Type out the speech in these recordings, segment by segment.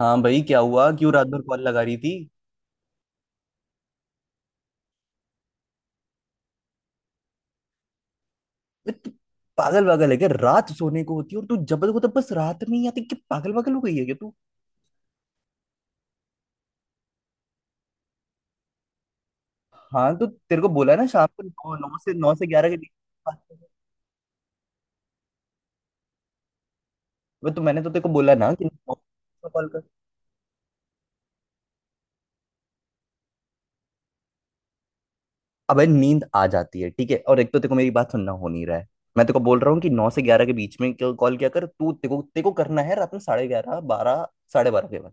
हाँ भाई, क्या हुआ? क्यों रात भर कॉल लगा रही थी? बे, तू पागल पागल है क्या? रात सोने को होती है और तू जबल को तो बस रात में ही आती। क्या पागल पागल हो गई है क्या तू? हाँ, तो तेरे को बोला ना, शाम को नौ नौ से 11 के बीच। बे, तो मैंने तो तेरे को बोला ना कि नौ को कॉल कर। अबे, नींद आ जाती है ठीक है। और एक तो तेरे को मेरी बात सुनना हो नहीं रहा है। मैं तेरे को बोल रहा हूँ कि नौ से 11 के बीच में क्यों कॉल किया कर। तू तेरे को करना है रात में 11:30, 12, 12:30 के बाद।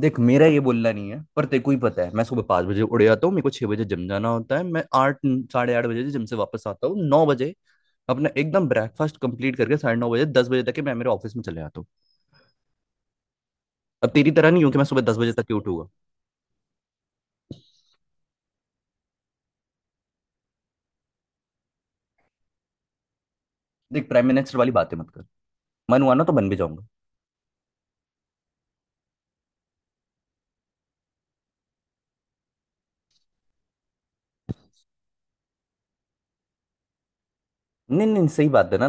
देख, मेरा ये बोलना नहीं है, पर तेको ही पता है मैं सुबह 5 बजे उड़ जाता हूँ। मेरे को 6 बजे जिम जाना होता है। मैं आठ, 8:30 बजे जिम से वापस आता हूँ। 9 बजे अपना एकदम ब्रेकफास्ट कंप्लीट करके 9:30 बजे, 10 बजे तक के मैं मेरे ऑफिस में चले जाता हूँ। अब तेरी तरह नहीं हूँ कि मैं सुबह 10 बजे तक ही उठूंगा। देख, प्राइम मिनिस्टर वाली बातें मत कर। मन हुआ ना तो बन भी जाऊंगा। नहीं नहीं, सही बात है ना।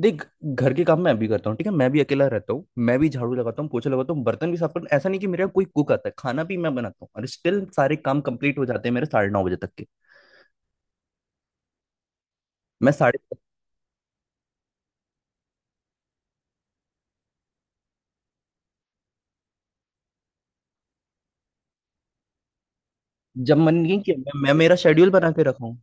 देख, घर के काम मैं भी करता हूँ, ठीक है। मैं भी अकेला रहता हूँ, मैं भी झाड़ू लगाता हूँ, पोछा लगाता हूँ, बर्तन भी साफ करता हूँ। ऐसा नहीं कि मेरा कोई कुक आता है, खाना भी मैं बनाता हूँ। और स्टिल सारे काम कंप्लीट हो जाते हैं मेरे, 9:30 बजे तक के। मैं साढ़े जब मन नहीं किया, मैं मेरा शेड्यूल बना के रखा हूँ।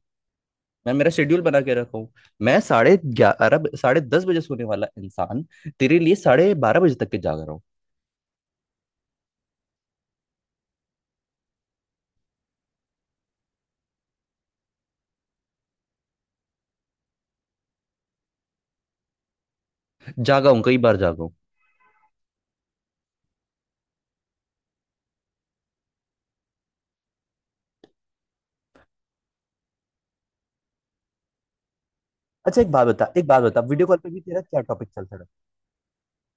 मैं मेरा शेड्यूल बना के रखा हूँ। मैं 11:30, 10:30 बजे सोने वाला इंसान, तेरे लिए 12:30 बजे तक के जाग रहा हूँ। जागा हूँ, कई बार जागा हूँ। अच्छा, एक बात बता, एक बात बता, वीडियो कॉल पे भी तेरा क्या टॉपिक चलता रहता।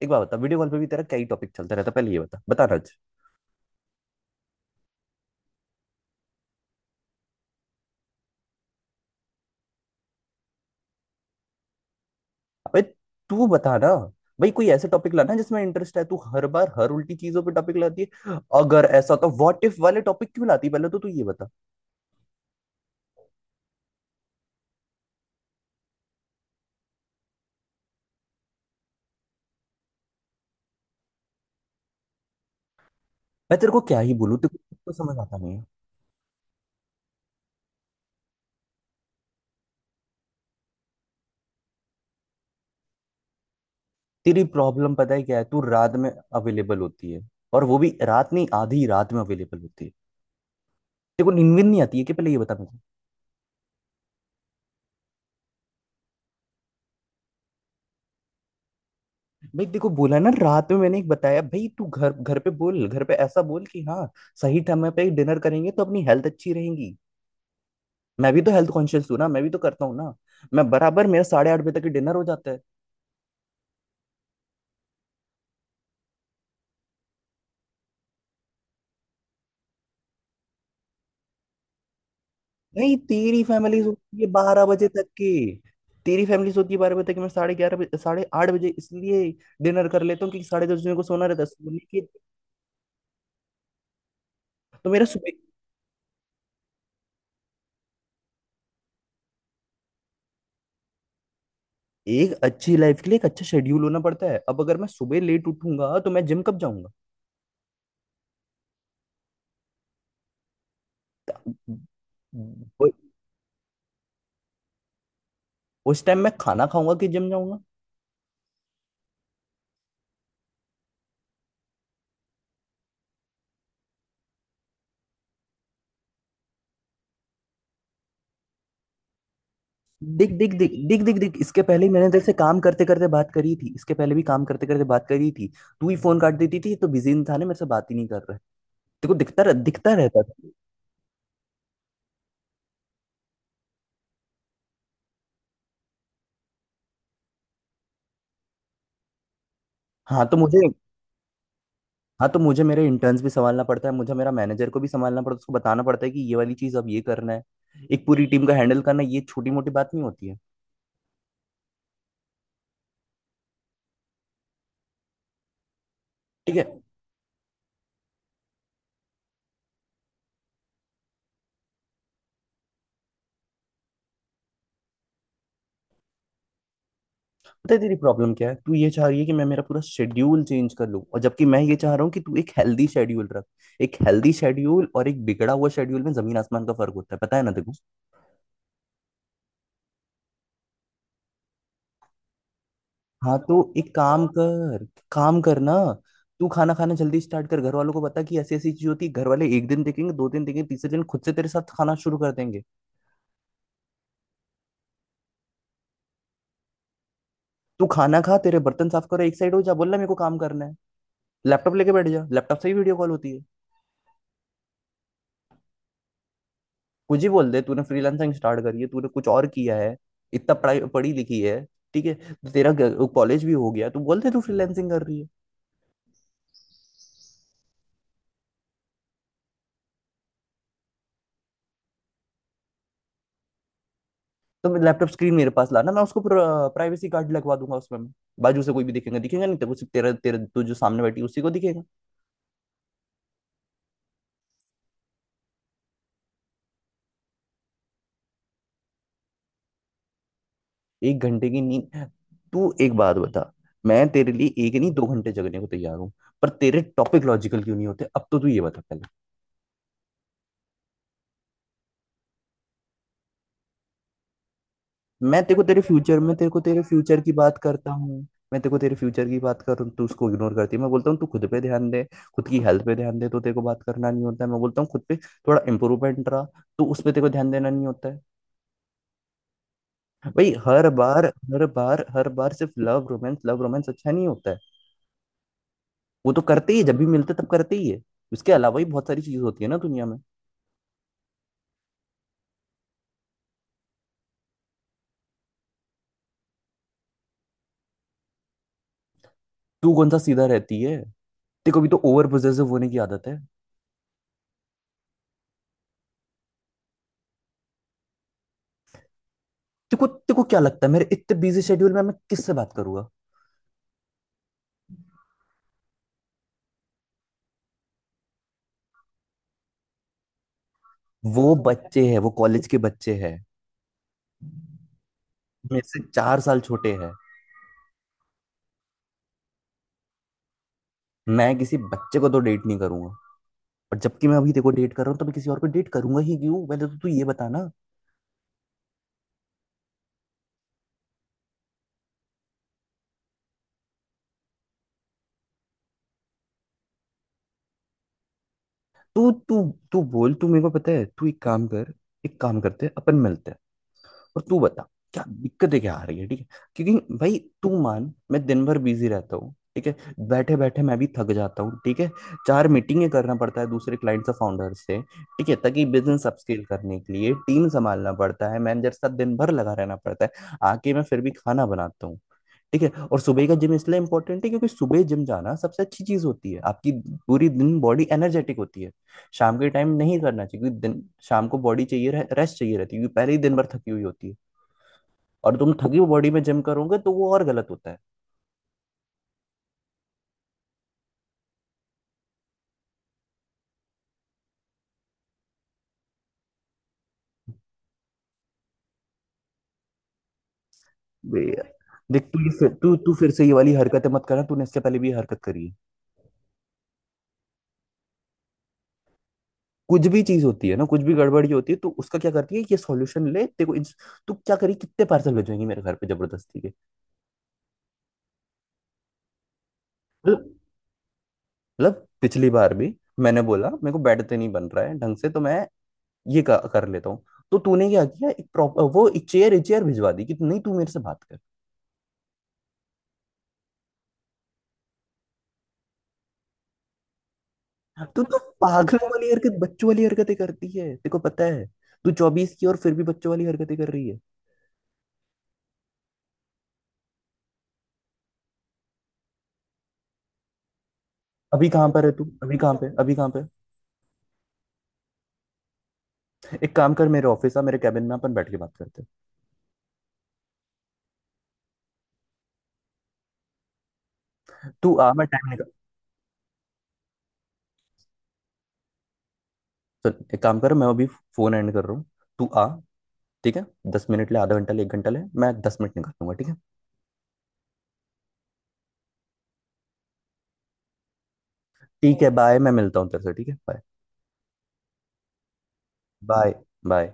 एक बात बता, वीडियो कॉल पे भी तेरा क्या ही टॉपिक चलता रहता। पहले ये बता, बताना आज। अबे, तू बता ना। भाई, कोई ऐसे टॉपिक लाना जिसमें इंटरेस्ट है। तू हर बार हर उल्टी चीजों पे टॉपिक लाती है। अगर ऐसा, तो व्हाट इफ वाले टॉपिक क्यों लाती है? पहले तो तू ये बता। मैं तेरे को क्या ही बोलूं, तेरे को कुछ तो समझ आता नहीं है। तेरी प्रॉब्लम पता है क्या है? तू रात में अवेलेबल होती है, और वो भी रात नहीं, आधी रात में अवेलेबल होती है। देखो, नींद वींद नहीं आती है कि, पहले ये बता मुझे। भाई देखो, बोला ना, रात में मैंने एक बताया। भाई, तू घर, घर पे बोल, घर पे ऐसा बोल कि हाँ, सही समय पे डिनर करेंगे तो अपनी हेल्थ अच्छी रहेगी। मैं भी तो हेल्थ कॉन्शियस हूँ ना, मैं भी तो करता हूँ ना। मैं बराबर मेरा 8:30 बजे तक डिनर हो जाता है। नहीं, तेरी फैमिली सोती है 12 बजे तक की। तेरी फैमिली सोती है बारह बजे तक की, मैं 11:30 बजे, 8:30 बजे इसलिए डिनर कर लेता हूँ क्योंकि साढ़े दस बजे मेरे को सोना रहता है, सोने के। तो मेरा सुबह, एक अच्छी लाइफ के लिए एक अच्छा शेड्यूल होना पड़ता है। अब अगर मैं सुबह लेट उठूंगा तो मैं जिम कब जाऊंगा? वो- उस टाइम मैं खाना खाऊंगा कि जिम जाऊंगा? देख देख देख देख देख देख, इसके पहले ही मैंने तेरे से काम करते करते बात करी थी। इसके पहले भी काम करते करते बात करी थी। तू ही फोन काट देती थी, ये तो बिजी इंसान है, मेरे से बात ही नहीं कर रहा है। देखो, दिखता रहता था। हाँ तो मुझे हाँ तो मुझे मेरे इंटर्न्स भी संभालना पड़ता है, मुझे मेरा मैनेजर को भी संभालना पड़ता है, उसको बताना पड़ता है कि ये वाली चीज अब ये करना है। एक पूरी टीम का हैंडल करना है, ये छोटी मोटी बात नहीं होती है। ठीक है। पता है तेरी प्रॉब्लम क्या है? तू ये चाह रही है कि मैं मेरा पूरा शेड्यूल चेंज कर लूं, और जबकि मैं ये चाह रहा हूँ कि तू एक हेल्दी शेड्यूल रख। एक हेल्दी शेड्यूल और एक बिगड़ा हुआ शेड्यूल में जमीन आसमान का फर्क होता है, पता है ना? देखो, हाँ, तो एक काम कर, काम करना। तू खाना खाना जल्दी स्टार्ट कर, घर वालों को बता कि ऐसी ऐसी चीज होती है। घर वाले एक दिन देखेंगे, दो दिन देखेंगे, तीसरे दिन खुद से तेरे साथ खाना शुरू कर देंगे। तू खाना खा, तेरे बर्तन साफ करो, एक साइड हो जा, बोलना मेरे को काम करना है। लैपटॉप लेके बैठ जा, लैपटॉप से ही वीडियो कॉल होती है। कुछ ही बोल दे, तूने फ्रीलांसिंग स्टार्ट करी है, तूने कुछ और किया है, इतना पढ़ाई पढ़ी लिखी है। ठीक है, तो तेरा कॉलेज भी हो गया, तू बोल दे तू फ्रीलांसिंग कर रही है। तो मैं, लैपटॉप स्क्रीन मेरे पास लाना, मैं उसको प्राइवेसी कार्ड लगवा दूंगा उसमें। मैं बाजू से कोई भी दिखेगा, दिखेगा नहीं तेरे को, सिर्फ तेरा, तेरा, तू जो सामने बैठी है, उसी को दिखेगा। एक घंटे की नींद? तू एक बात बता, मैं तेरे लिए एक नहीं 2 घंटे जगने को तैयार हूँ। पर तेरे टॉपिक लॉजिकल क्यों नहीं होते? अब तो तू ये बता पहले। मैं तेरे को, तेरे फ्यूचर में, तेरे को तेरे फ्यूचर की बात करता हूँ। मैं तेरे को तेरे फ्यूचर की बात कर रहा हूँ, तू उसको इग्नोर करती है। मैं बोलता हूँ तू खुद पे ध्यान दे, खुद की हेल्थ पे ध्यान दे, तो तेरे को बात करना नहीं होता है। मैं बोलता हूँ खुद पे थोड़ा इम्प्रूवमेंट रहा, तो उस पे तेरे को ध्यान देना नहीं होता है। भाई, हर बार, हर बार हर बार सिर्फ लव रोमांस, लव रोमांस अच्छा नहीं होता है। वो तो करते ही है, जब भी मिलते तब करते ही है। उसके अलावा भी बहुत सारी चीज होती है ना दुनिया में। तू कौन सा सीधा रहती है? तेरे को भी तो ओवर पोजेसिव होने की आदत है। तेरे को क्या लगता है मेरे इतने बिजी शेड्यूल में मैं किससे बात करूंगा? वो बच्चे हैं, वो कॉलेज के बच्चे हैं, मेरे से 4 साल छोटे हैं। मैं किसी बच्चे को तो डेट नहीं करूंगा। और जबकि मैं अभी देखो डेट कर रहा हूँ, तो मैं किसी और को डेट करूंगा ही क्यों? पहले तो तू ये बता ना। तू तू तू बोल, तू मेरे को पता है, तू एक काम कर, एक काम करते हैं, अपन मिलते हैं। और तू बता क्या दिक्कतें क्या आ रही है, ठीक है। क्योंकि भाई तू मान, मैं दिन भर बिजी रहता हूँ, ठीक है। बैठे बैठे मैं भी थक जाता हूँ, ठीक है। 4 मीटिंगें करना पड़ता है दूसरे क्लाइंट्स और फाउंडर से, ठीक है, ताकि बिजनेस अपस्केल करने के लिए टीम संभालना पड़ता है, मैनेजर के साथ दिन भर लगा रहना पड़ता है। आके मैं फिर भी खाना बनाता हूँ, ठीक है। और सुबह का जिम इसलिए इंपॉर्टेंट है क्योंकि सुबह जिम जाना सबसे अच्छी चीज होती है। आपकी पूरी दिन बॉडी एनर्जेटिक होती है। शाम के टाइम नहीं करना चाहिए क्योंकि दिन, शाम को बॉडी चाहिए, रेस्ट चाहिए रहती है क्योंकि पहले ही दिन भर थकी हुई होती है। और तुम थकी हुई बॉडी में जिम करोगे तो वो और गलत होता है। बे यार, देख, तू फिर से ये वाली हरकतें मत करना, तूने इससे पहले भी ये हरकत करी है। कुछ भी चीज होती है ना, कुछ भी गड़बड़ी होती है तो उसका क्या करती है ये सॉल्यूशन ले। तू क्या करी? कितने पार्सल भेजेंगी मेरे घर पे जबरदस्ती के? मतलब मतलब पिछली बार भी, मैंने बोला मेरे को बेड पे नहीं बन रहा है ढंग से, तो मैं ये कर लेता हूँ। तो तूने क्या किया? एक प्रॉपर वो, एक चेयर, एक चेयर भिजवा दी कि नहीं, तू मेरे से बात कर। तू तो पागलों वाली हरकत, बच्चों वाली हरकतें करती है, तेरे को पता है। तू 24 की, और फिर भी बच्चों वाली हरकतें कर रही है। अभी कहाँ पर है तू? अभी कहाँ पे, अभी कहाँ पे? एक काम कर, मेरे ऑफिस आ, मेरे कैबिन में अपन बैठ के बात करते हैं। तू आ, मैं टाइम निकाल। सुन, एक काम कर, मैं अभी फोन एंड कर रहा हूँ। तू आ, ठीक है। 10 मिनट ले, आधा घंटा ले, एक घंटा ले, मैं 10 मिनट निकाल लूंगा, ठीक है। ठीक है, बाय। मैं मिलता हूँ तेरे से, ठीक है। Bye, bye, bye.